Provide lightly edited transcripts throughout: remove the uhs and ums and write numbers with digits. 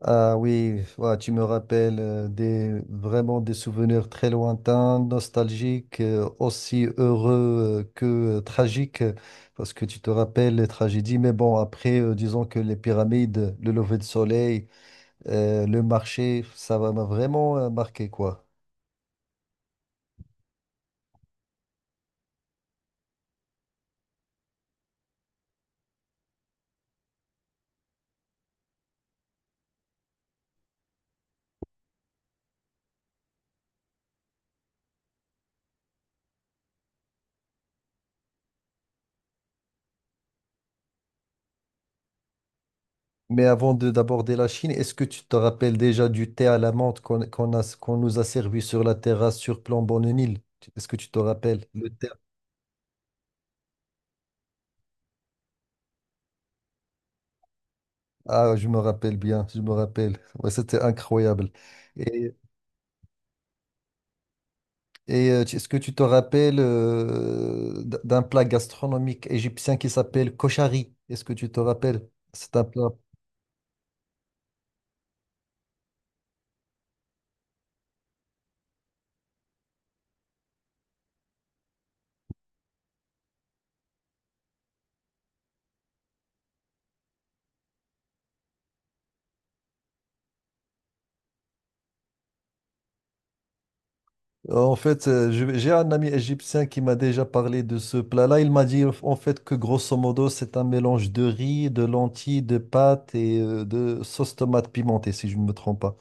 Ah oui, ouais, tu me rappelles vraiment des souvenirs très lointains, nostalgiques, aussi heureux que tragiques, parce que tu te rappelles les tragédies. Mais bon, après, disons que les pyramides, le lever de soleil, le marché, m'a vraiment marqué, quoi. Mais avant de d'aborder la Chine, est-ce que tu te rappelles déjà du thé à la menthe qu'on nous a servi sur la terrasse sur Plomb-Bonne-Île? Est-ce que tu te rappelles? Le thé Ah, je me rappelle bien, je me rappelle. Ouais, c'était incroyable. Et, Est-ce que tu te rappelles d'un plat gastronomique égyptien qui s'appelle koshari? Est-ce que tu te rappelles? C'est un plat. En fait, j'ai un ami égyptien qui m'a déjà parlé de ce plat-là. Il m'a dit en fait que grosso modo, c'est un mélange de riz, de lentilles, de pâtes et de sauce tomate pimentée, si je ne me trompe pas.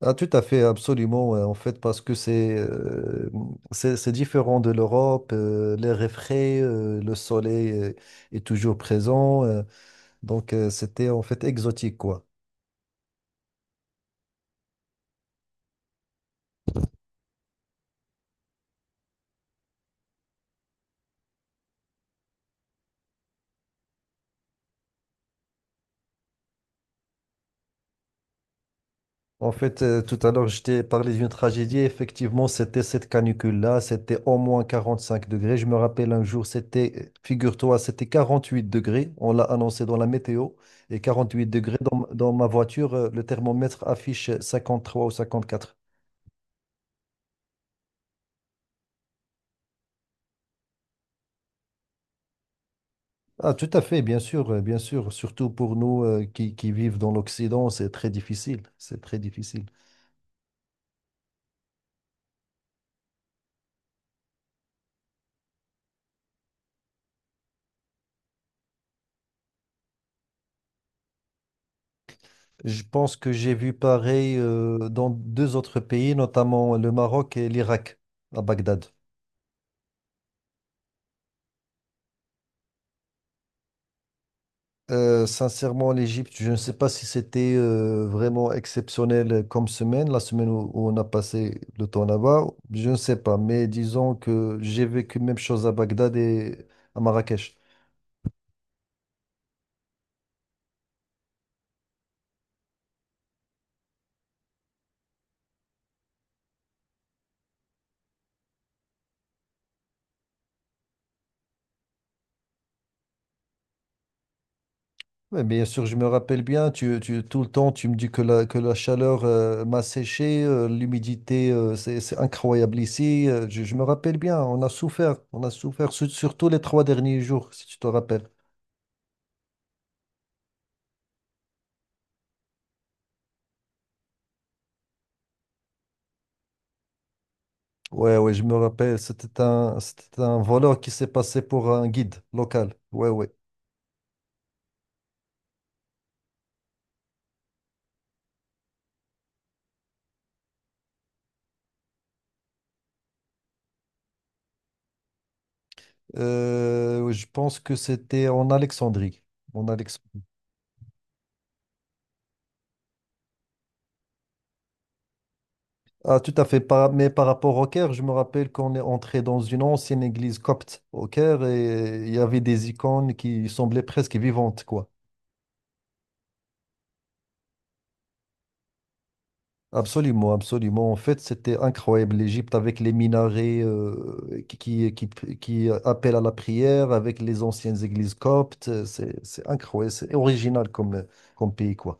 Ah, tout à fait, absolument, ouais, en fait, parce que c'est différent de l'Europe, l'air est frais, le soleil est toujours présent, donc c'était en fait exotique, quoi. En fait, tout à l'heure, je t'ai parlé d'une tragédie, effectivement, c'était cette canicule-là, c'était au moins 45 degrés. Je me rappelle un jour, c'était, figure-toi, c'était 48 degrés, on l'a annoncé dans la météo, et 48 degrés, dans ma voiture, le thermomètre affiche 53 ou 54. Ah, tout à fait, bien sûr, bien sûr. Surtout pour nous qui vivent dans l'Occident, c'est très difficile. C'est très difficile. Je pense que j'ai vu pareil dans deux autres pays, notamment le Maroc et l'Irak, à Bagdad. Sincèrement, l'Égypte, je ne sais pas si c'était vraiment exceptionnel comme semaine, la semaine où on a passé le temps là-bas, je ne sais pas. Mais disons que j'ai vécu même chose à Bagdad et à Marrakech. Ouais, bien sûr, je me rappelle bien, tout le temps, tu me dis que la chaleur m'a séché, l'humidité, c'est incroyable ici. Je me rappelle bien, on a souffert, surtout les 3 derniers jours, si tu te rappelles. Ouais, ouais, je me rappelle, c'était un voleur qui s'est passé pour un guide local. Ouais, ouais. Je pense que c'était en Alexandrie. En Alexandrie. Ah, tout à fait. Mais par rapport au Caire, je me rappelle qu'on est entré dans une ancienne église copte au Caire et il y avait des icônes qui semblaient presque vivantes, quoi. Absolument, absolument. En fait, c'était incroyable. L'Égypte avec les minarets qui appellent à la prière, avec les anciennes églises coptes. C'est incroyable. C'est original comme pays, quoi.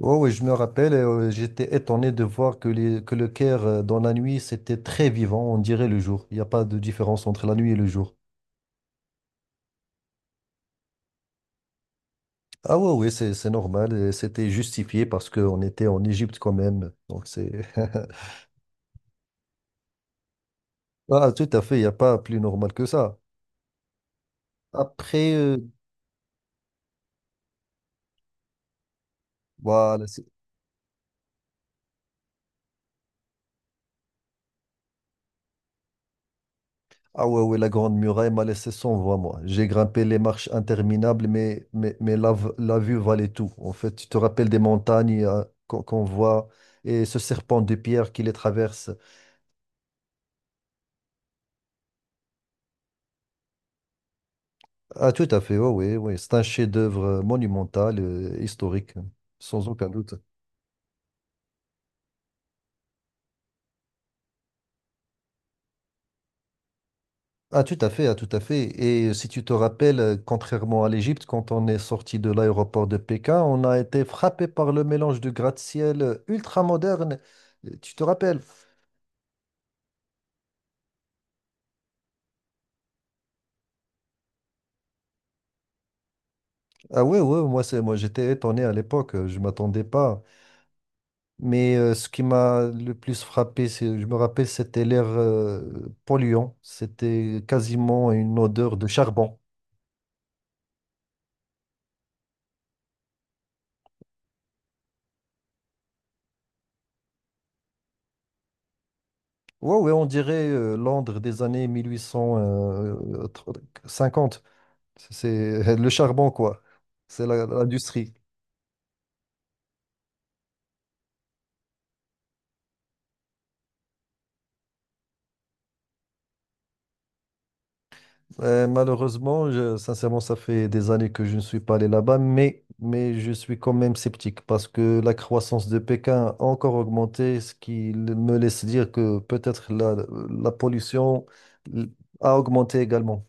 Oh, oui, je me rappelle, j'étais étonné de voir que le Caire, dans la nuit, c'était très vivant, on dirait le jour. Il n'y a pas de différence entre la nuit et le jour. Ah ouais, oui, c'est normal. Et c'était justifié parce qu'on était en Égypte quand même. Donc c'est. Ah, tout à fait, il n'y a pas plus normal que ça. Après, voilà. Ah ouais, ouais, la Grande Muraille m'a laissé sans voix, moi. J'ai grimpé les marches interminables, mais la vue valait tout. En fait, tu te rappelles des montagnes qu'on voit et ce serpent de pierre qui les traverse. Ah, tout à fait, oui, oui, oui. C'est un chef-d'œuvre monumental, historique, sans aucun doute. Ah, tout à fait, ah, tout à fait. Et si tu te rappelles, contrairement à l'Égypte, quand on est sorti de l'aéroport de Pékin, on a été frappé par le mélange de gratte-ciel ultra-moderne. Tu te rappelles? Ah ouais, ouais, moi j'étais étonné à l'époque, je m'attendais pas. Mais ce qui m'a le plus frappé, c'est, je me rappelle, c'était l'air polluant. C'était quasiment une odeur de charbon. Ouais, ouais, on dirait Londres des années 1850. C'est le charbon, quoi. C'est l'industrie. Malheureusement, sincèrement, ça fait des années que je ne suis pas allé là-bas, mais je suis quand même sceptique parce que la croissance de Pékin a encore augmenté, ce qui me laisse dire que peut-être la pollution l- a augmenté également.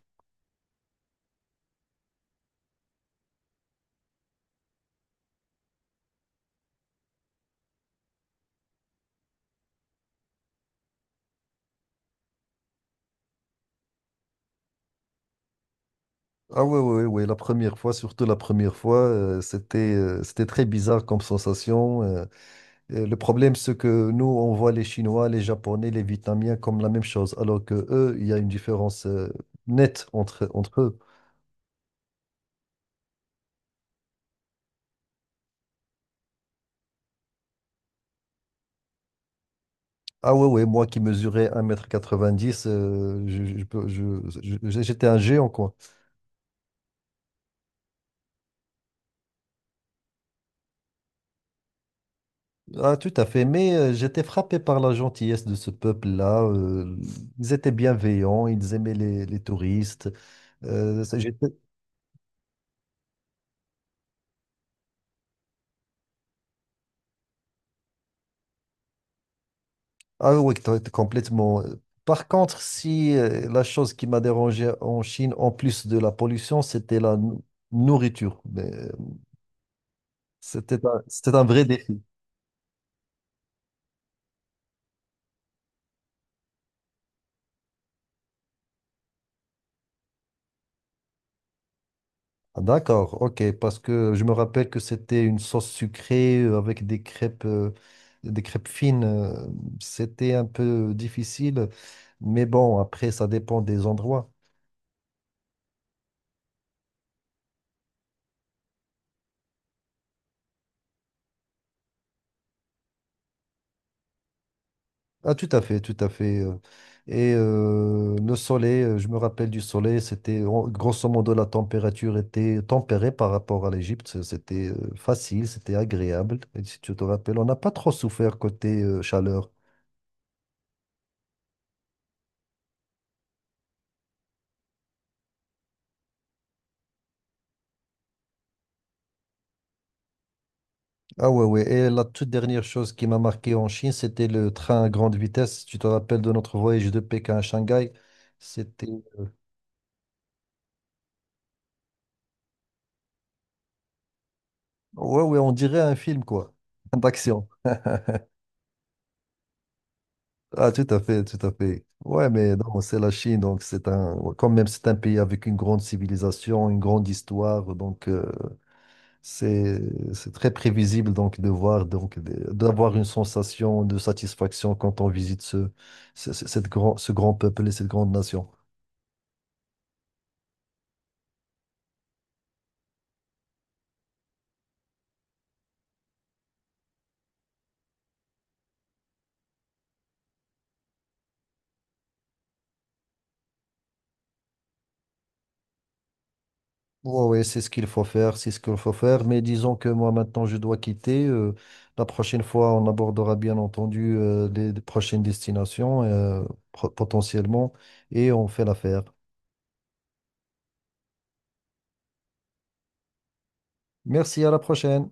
Ah oui, oui, oui, la première fois, surtout la première fois, c'était très bizarre comme sensation. Le problème, c'est que nous, on voit les Chinois, les Japonais, les Vietnamiens comme la même chose, alors que eux, il y a une différence nette entre eux. Ah ouais, ouais, moi qui mesurais 1,90 m, je peux- je- j'étais un géant, quoi. Ah, tout à fait, mais j'étais frappé par la gentillesse de ce peuple-là. Ils étaient bienveillants, ils aimaient les touristes. J'étais. Ah oui, toi, t'es complètement. Par contre, si la chose qui m'a dérangé en Chine, en plus de la pollution, c'était nourriture. Mais c'était un vrai défi. Ah, d'accord, ok, parce que je me rappelle que c'était une sauce sucrée avec des crêpes fines. C'était un peu difficile, mais bon, après, ça dépend des endroits. Ah, tout à fait, tout à fait. Et le soleil, je me rappelle du soleil, grosso modo la température était tempérée par rapport à l'Égypte. C'était facile, c'était agréable. Et si tu te rappelles, on n'a pas trop souffert côté chaleur. Ah ouais, ouais. Et la toute dernière chose qui m'a marqué en Chine, c'était le train à grande vitesse. Tu te rappelles de notre voyage de Pékin à Shanghai? C'était. Ouais, ouais, on dirait un film, quoi, d'action. Ah, tout à fait, tout à fait. Ouais, mais non, c'est la Chine, donc c'est un, ouais, quand même, c'est un pays avec une grande civilisation, une grande histoire, donc c'est c'est très prévisible donc de voir d'avoir une sensation de satisfaction quand on visite ce grand peuple et cette grande nation. Oui, c'est ce qu'il faut faire, c'est ce qu'il faut faire. Mais disons que moi, maintenant, je dois quitter. La prochaine fois, on abordera bien entendu les prochaines destinations potentiellement et on fait l'affaire. Merci, à la prochaine.